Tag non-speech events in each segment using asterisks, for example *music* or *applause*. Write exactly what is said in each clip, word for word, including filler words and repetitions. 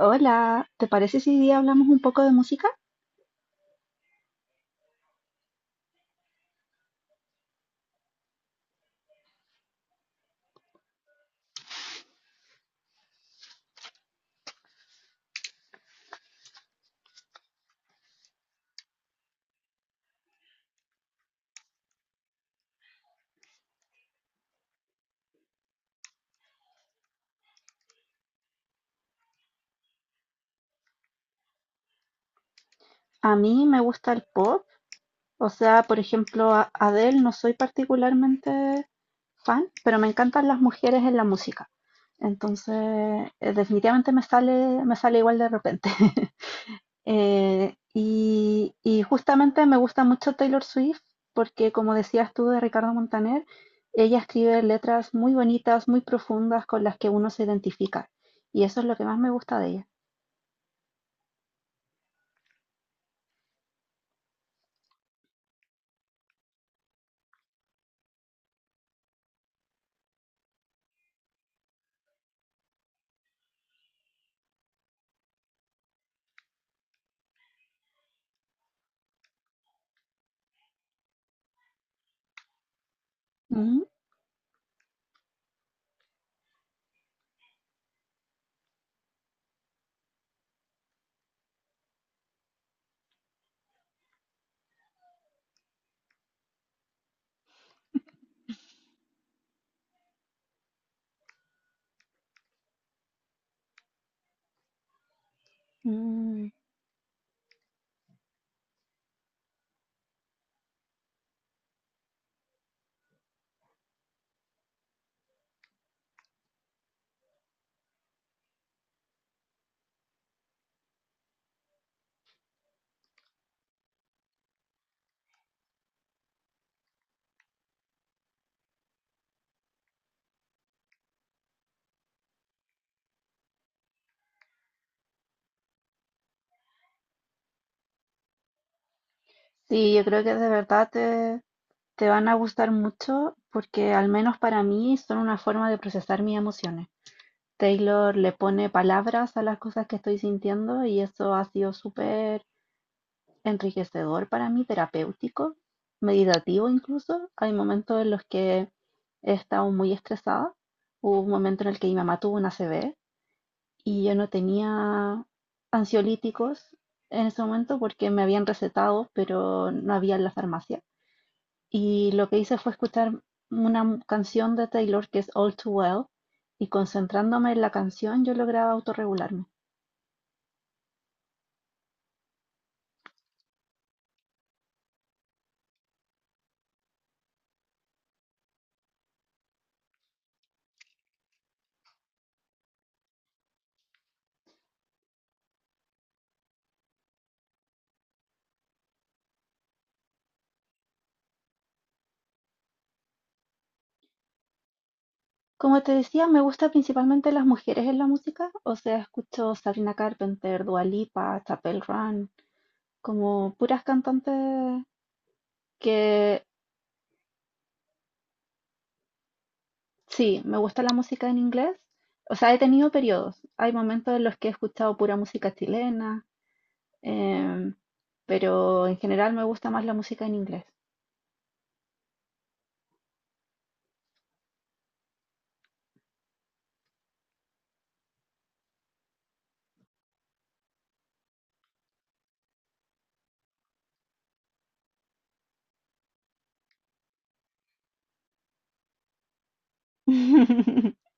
Hola, ¿te parece si hoy día hablamos un poco de música? A mí me gusta el pop, o sea, por ejemplo, a Adele no soy particularmente fan, pero me encantan las mujeres en la música. Entonces, eh, definitivamente me sale, me sale igual de repente. *laughs* Eh, y, y justamente me gusta mucho Taylor Swift porque, como decías tú de Ricardo Montaner, ella escribe letras muy bonitas, muy profundas con las que uno se identifica. Y eso es lo que más me gusta de ella. Mm. Mm. Sí, yo creo que de verdad te, te van a gustar mucho porque al menos para mí son una forma de procesar mis emociones. Taylor le pone palabras a las cosas que estoy sintiendo y eso ha sido súper enriquecedor para mí, terapéutico, meditativo incluso. Hay momentos en los que he estado muy estresada. Hubo un momento en el que mi mamá tuvo una A C V y yo no tenía ansiolíticos en ese momento porque me habían recetado, pero no había en la farmacia. Y lo que hice fue escuchar una m- canción de Taylor que es All Too Well, y concentrándome en la canción yo lograba autorregularme. Como te decía, me gusta principalmente las mujeres en la música, o sea, escucho Sabrina Carpenter, Dua Lipa, Chapel Run, como puras cantantes que... Sí, me gusta la música en inglés. O sea, he tenido periodos. Hay momentos en los que he escuchado pura música chilena, em, pero en general me gusta más la música en inglés. *laughs*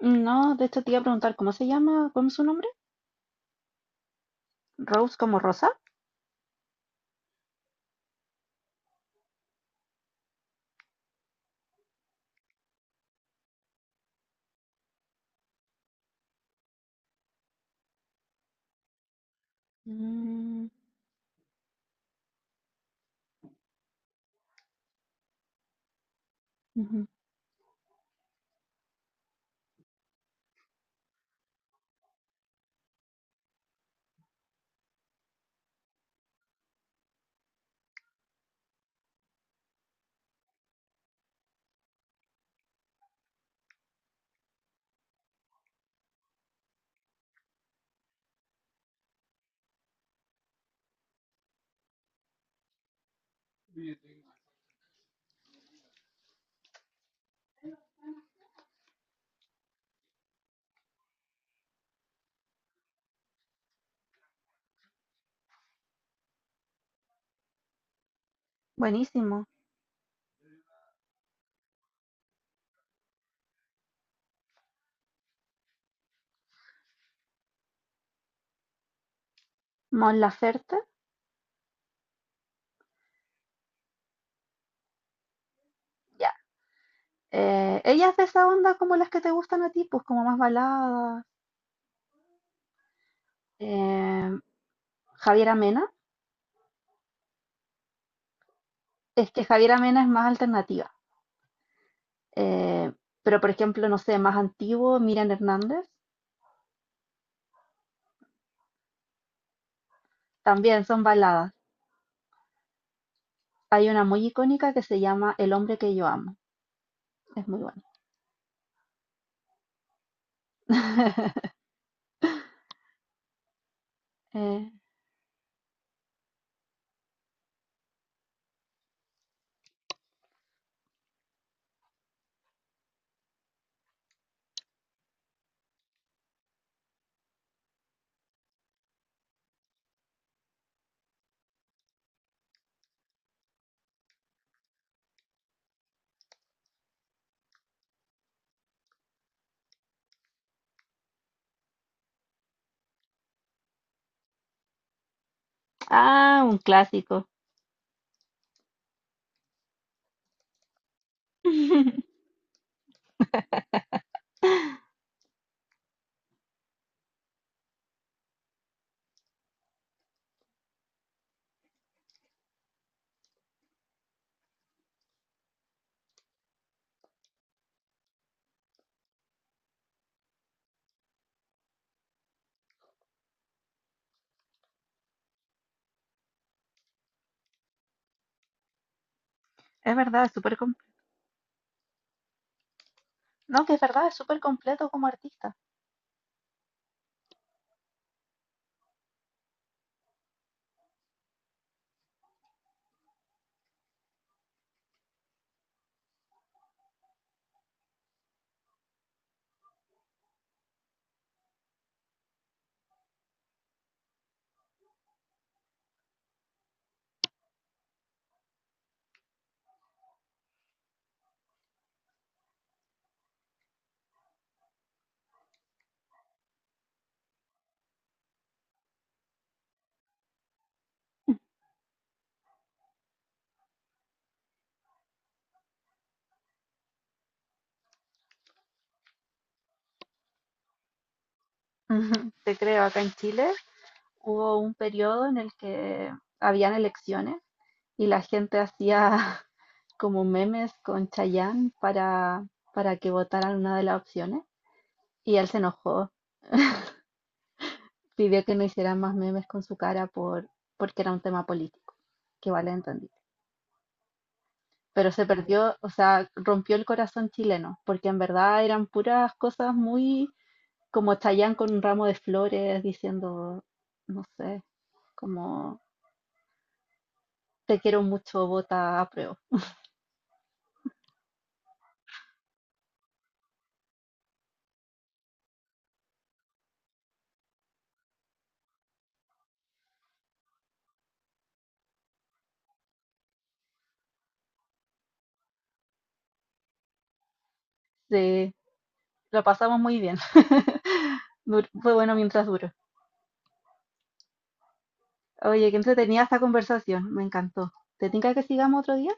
No, de hecho te iba a preguntar, ¿cómo se llama? ¿Cómo es su nombre? ¿Rose como Rosa? Mm, ujú. Buenísimo. Mon Laferte. Ya. Eh, ella es de esa onda como las que te gustan a ti, pues como más baladas. Em, Javiera Mena. Es que Javiera Mena es más alternativa. Eh, pero por ejemplo, no sé, más antiguo, Miriam Hernández, también son baladas. Hay una muy icónica que se llama El hombre que yo amo. Es muy buena. *laughs* Eh, ah, un clásico. *laughs* Es verdad, es súper completo. No, que es verdad, es súper completo como artista. Ujú. Te creo, acá en Chile hubo un periodo en el que habían elecciones y la gente hacía *laughs* como memes con Chayanne para, para que votaran una de las opciones y él se enojó, pidió que no hicieran más memes con su cara por, porque era un tema político, que vale entendí. Pero se perdió, o sea, rompió el corazón chileno, porque en verdad eran puras cosas muy como Chayanne con un ramo de flores diciendo, no sé, como te quiero mucho, vota a... Sí, lo pasamos muy bien. *laughs* Dur- Fue bueno mientras duró. Oye, qué entretenida esta conversación, me encantó. ¿Te tinca que sigamos otro día?